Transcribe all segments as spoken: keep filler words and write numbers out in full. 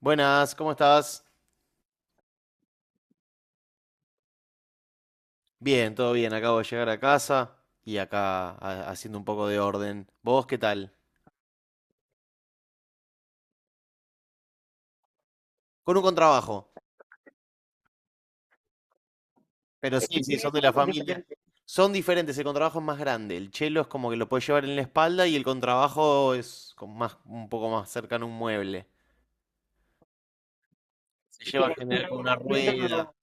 Buenas, ¿cómo estás? Bien, todo bien. Acabo de llegar a casa y acá ha- haciendo un poco de orden. ¿Vos qué tal? Con un contrabajo. Pero sí, sí, son de la familia. Son diferentes, el contrabajo es más grande. El chelo es como que lo puedes llevar en la espalda y el contrabajo es con más, un poco más cercano a un mueble. Se Sí, lleva tiene generalmente con una rueda.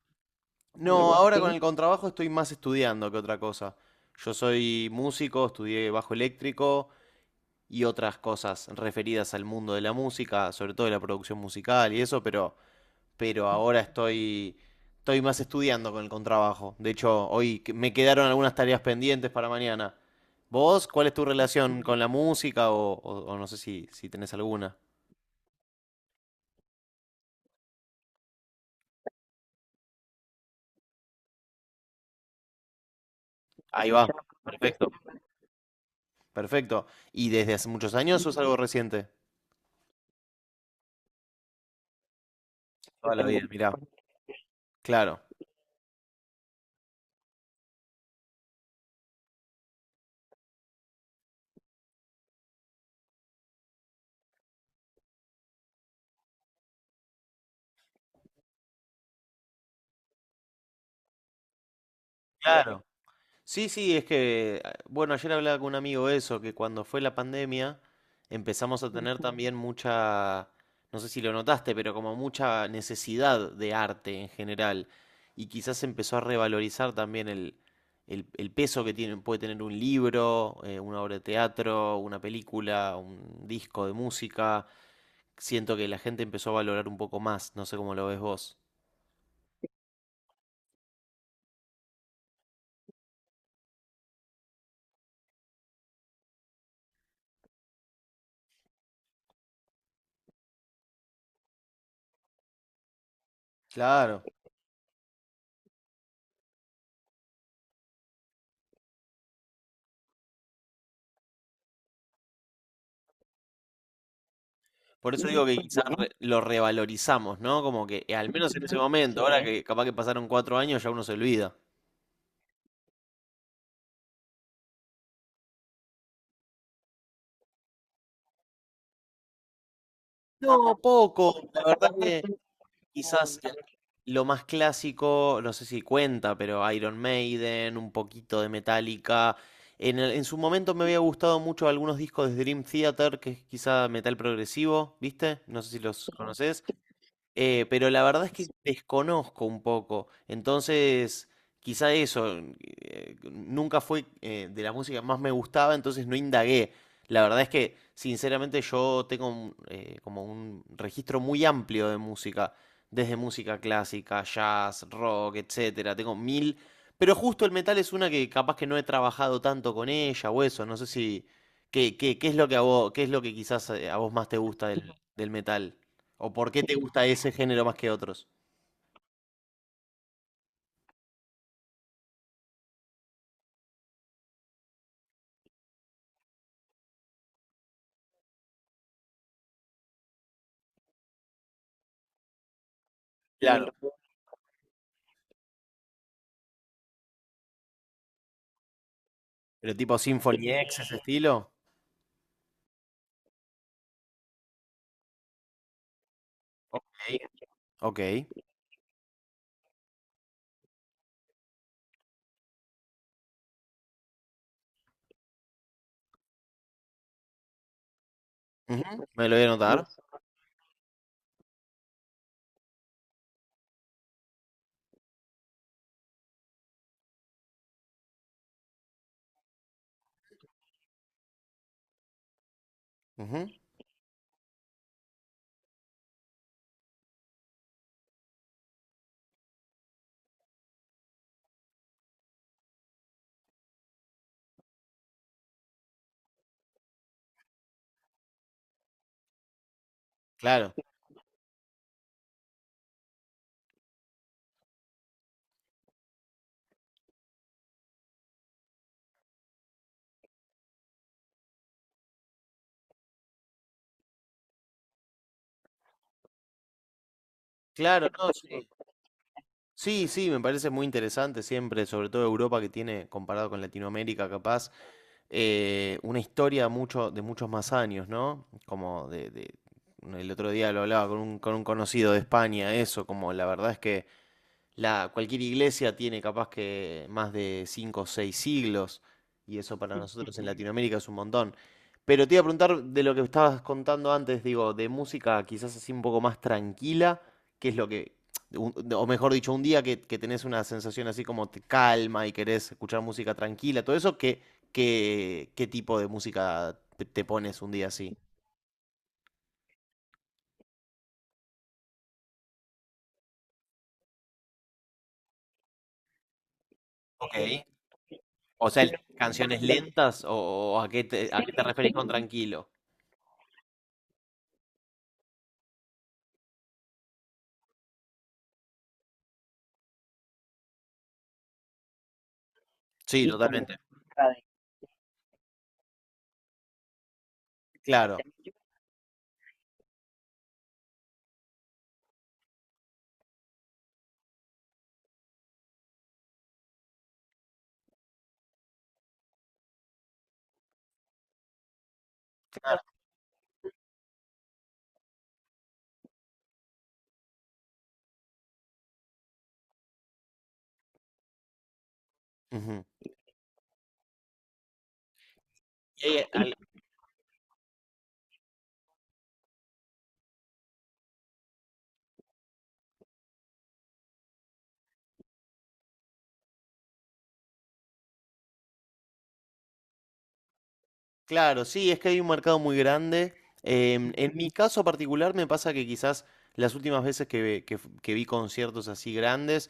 No, ahora con sí, el contrabajo estoy más estudiando que otra cosa. Yo soy músico, estudié bajo eléctrico y otras cosas referidas al mundo de la música, sobre todo de la producción musical y eso, pero, pero ahora estoy, estoy más estudiando con el contrabajo. De hecho, hoy me quedaron algunas tareas pendientes para mañana. ¿Vos cuál es tu relación con la música o, o- o no sé si, si tenés alguna? Ahí va, perfecto, perfecto. ¿Y desde hace muchos años o es algo reciente? Toda la vida, mirá, claro. Claro. Sí, sí, es que, eh, bueno, ayer hablaba con un amigo de eso, que cuando fue la pandemia empezamos a tener Ujú. También mucha, no sé si lo notaste, pero como mucha necesidad de arte en general. Y quizás empezó a revalorizar también el, el- el peso que tiene, puede tener un libro, eh, una obra de teatro, una película, un disco de música. Siento que la gente empezó a valorar un poco más, no sé cómo lo ves vos. Claro. Por eso digo que quizás re- lo revalorizamos, ¿no? Como que eh, al menos en ese momento, ahora que capaz que pasaron cuatro años, ya uno se olvida. No, poco. La verdad que quizás eh, lo más clásico, no sé si cuenta, pero Iron Maiden, un poquito de Metallica. En, el- en su momento me había gustado mucho algunos discos de Dream Theater, que es quizá metal progresivo, ¿viste? No sé si los conoces. Eh, pero la verdad es que desconozco un poco. Entonces, quizá eso, eh, nunca fue eh, de la música más me gustaba, entonces no indagué. La verdad es que, sinceramente, yo tengo un, eh, como un registro muy amplio de música, desde música clásica, jazz, rock, etcétera. Tengo mil, pero justo el metal es una que capaz que no he trabajado tanto con ella o eso. No sé si, ¿qué, qué, qué es lo que a vos, qué es lo que quizás eh, a vos más te gusta del, del metal? ¿O por qué te gusta ese género más que otros? Claro. ¿Pero tipo Symphony X, ese estilo? Sí. Ok. Ujú, me lo voy a anotar. Ujú, claro. Claro, no, sí. Sí, sí, me parece muy interesante siempre, sobre todo Europa que tiene, comparado con Latinoamérica, capaz, eh, una historia mucho, de muchos más años, ¿no? Como de, de- el otro día lo hablaba con un, con un conocido de España, eso, como la verdad es que la, cualquier iglesia tiene capaz que más de cinco o seis siglos, y eso para nosotros en Latinoamérica es un montón. Pero te iba a preguntar de lo que estabas contando antes, digo, de música quizás así un poco más tranquila, que es lo que, un- o mejor dicho, un día que, que tenés una sensación así como te calma y querés escuchar música tranquila, todo eso, ¿qué, qué, qué tipo de música te, te pones un día así? O sea, el- canciones lentas o, o a qué te, a qué te referís con tranquilo. Sí, totalmente. Claro. Ujú. Eh, al- claro, sí, es que hay un mercado muy grande. Em, en mi caso particular me pasa que quizás las últimas veces que, ve- que- f- que vi conciertos así grandes,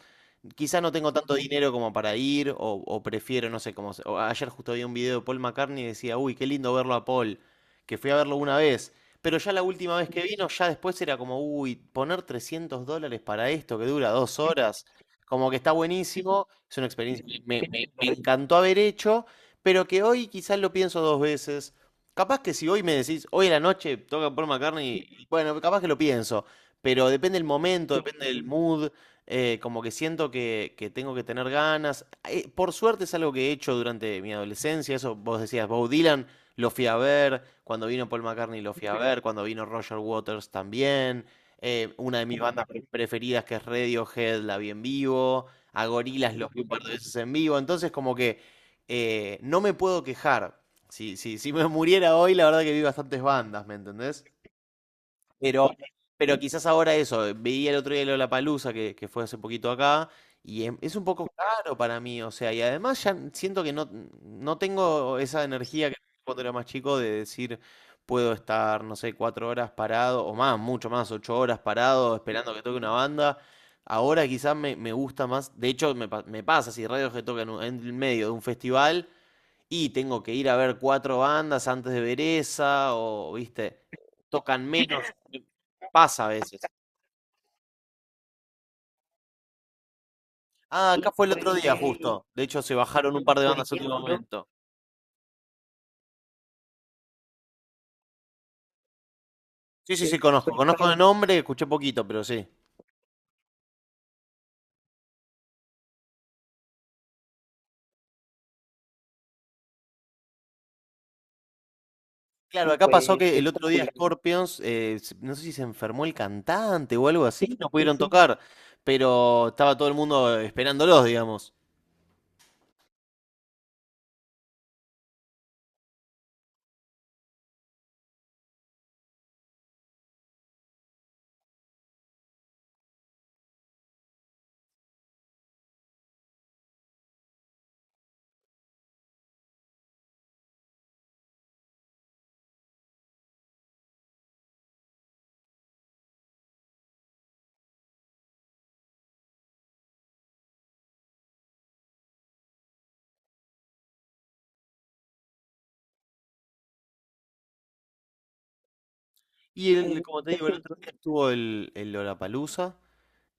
quizás no tengo tanto Ujú. Dinero como para ir o, o prefiero, no sé, como se- o ayer justo vi un video de Paul McCartney y decía, uy, qué lindo verlo a Paul, que fui a verlo una vez, pero ya la última vez que vino, ya después era como, uy, poner trescientos dólares para esto que dura dos horas, como que está buenísimo, es una experiencia que me me- me encantó haber hecho. Pero que hoy quizás lo pienso dos veces. Capaz que si hoy me decís, hoy en la noche toca Paul McCartney, bueno, capaz que lo pienso, pero depende del momento, depende del mood, eh, como que siento que, que tengo que tener ganas. Eh, por suerte es algo que he hecho durante mi adolescencia, eso vos decías, Bob Dylan lo fui a ver, cuando vino Paul McCartney lo fui a ver, cuando vino Roger Waters también, eh, una de mis bandas pre- preferidas que es Radiohead la vi en vivo, a Gorillaz los vi un par de veces en vivo, entonces como que eh, no me puedo quejar. Si, si, si me muriera hoy, la verdad que vi bastantes bandas, ¿me entendés? Pero, pero quizás ahora eso, veía el otro día La Palusa que, que fue hace poquito acá, y em- es un poco caro para mí, o sea, y además ya n- siento que no, no tengo esa energía que tenía cuando era más chico de decir, puedo estar, no sé, cuatro horas parado, o más, mucho más, ocho horas parado, esperando que toque una banda. Ahora quizás me, me gusta más, de hecho me, pa- me pasa, si radios que tocan en el medio de un festival, y tengo que ir a ver cuatro bandas antes de ver esa, o viste, tocan menos, pasa a veces. Ah, acá fue el otro día justo. De hecho, se bajaron un par de bandas en último momento. Sí, sí, sí, conozco. Conozco de nombre, escuché poquito, pero sí. Claro, acá pasó que el otro día Scorpions, eh, se- no sé si se enfermó el cantante o algo así, no pudieron tocar, pero estaba todo el mundo esperándolos, digamos. Y el, como te digo, el otro día estuvo el, el Lollapalooza,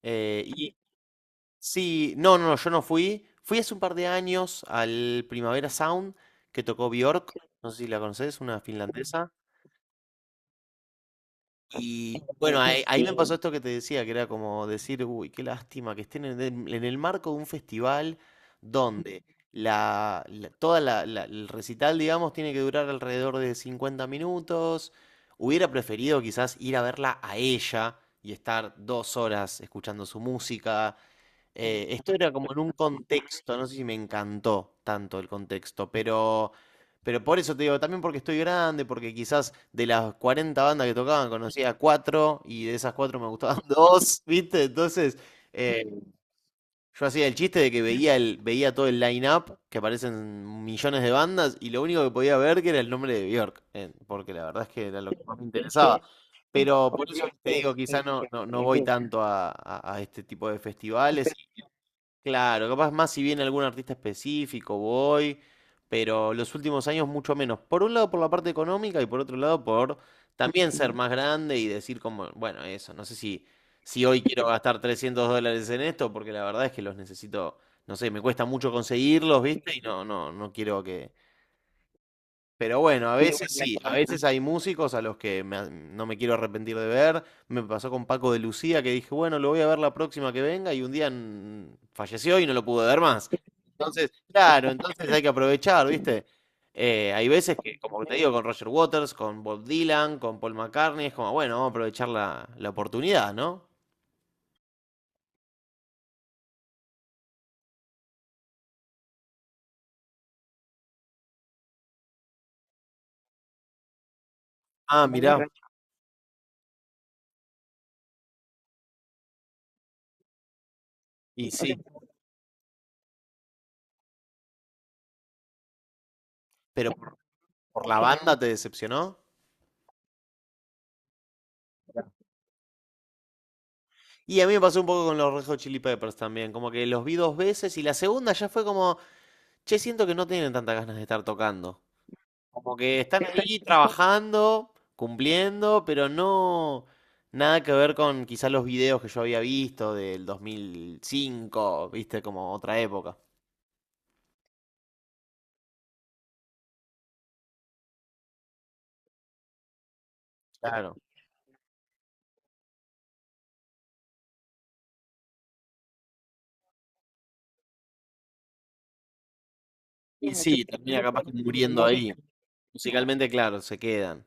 eh, y sí, no, no, no, yo no fui. Fui hace un par de años al Primavera Sound que tocó Björk, no sé si la conoces, una finlandesa. Y bueno, ahí, ahí me pasó esto que te decía, que era como decir, uy, qué lástima que estén en el, en el marco de un festival donde la, la- toda la, la- el recital, digamos, tiene que durar alrededor de cincuenta minutos. Hubiera preferido quizás ir a verla a ella y estar dos horas escuchando su música eh, esto era como en un contexto, no sé si me encantó tanto el contexto, pero, pero por eso te digo, también porque estoy grande, porque quizás de las cuarenta bandas que tocaban conocía cuatro y de esas cuatro me gustaban dos, ¿viste? Entonces, eh, yo hacía el chiste de que veía, el, veía todo el line-up, que aparecen millones de bandas, y lo único que podía ver que era el nombre de Björk, eh, porque la verdad es que era lo que más me interesaba. Pero por eso te digo, quizás no, no, no voy tanto a, a- a este tipo de festivales. Claro, capaz más si viene algún artista específico, voy, pero los últimos años mucho menos. Por un lado por la parte económica y por otro lado por también ser más grande y decir como, bueno, eso, no sé si, si hoy quiero gastar trescientos dólares en esto, porque la verdad es que los necesito, no sé, me cuesta mucho conseguirlos, ¿viste? Y no, no, no quiero que, pero bueno, a veces sí, a veces hay músicos a los que me- no me quiero arrepentir de ver. Me pasó con Paco de Lucía que dije, bueno, lo voy a ver la próxima que venga y un día mm, falleció y no lo pude ver más. Entonces, claro, entonces hay que aprovechar, ¿viste? Eh, hay veces que, como te digo, con Roger Waters, con Bob Dylan, con Paul McCartney, es como, bueno, vamos a aprovechar la, la oportunidad, ¿no? Ah, mirá, y sí, pero por, por la banda te decepcionó. Y a mí me pasó un poco con los Red Hot Chili Peppers también, como que los vi dos veces y la segunda ya fue como... Che, siento que no tienen tantas ganas de estar tocando. Como que están ahí trabajando, cumpliendo, pero no nada que ver con quizás los videos que yo había visto del dos mil cinco, viste, como otra época. Claro. Y sí, termina capaz que muriendo ahí. Musicalmente, claro, se quedan.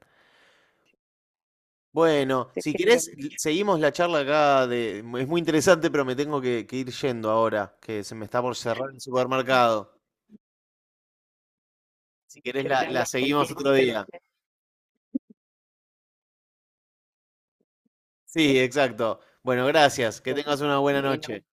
Bueno, si querés, seguimos la charla acá. De... Es muy interesante, pero me tengo que, que ir yendo ahora, que se me está por cerrar el supermercado. Si querés, la, la seguimos otro día. Sí, exacto. Bueno, gracias. Que tengas una buena noche.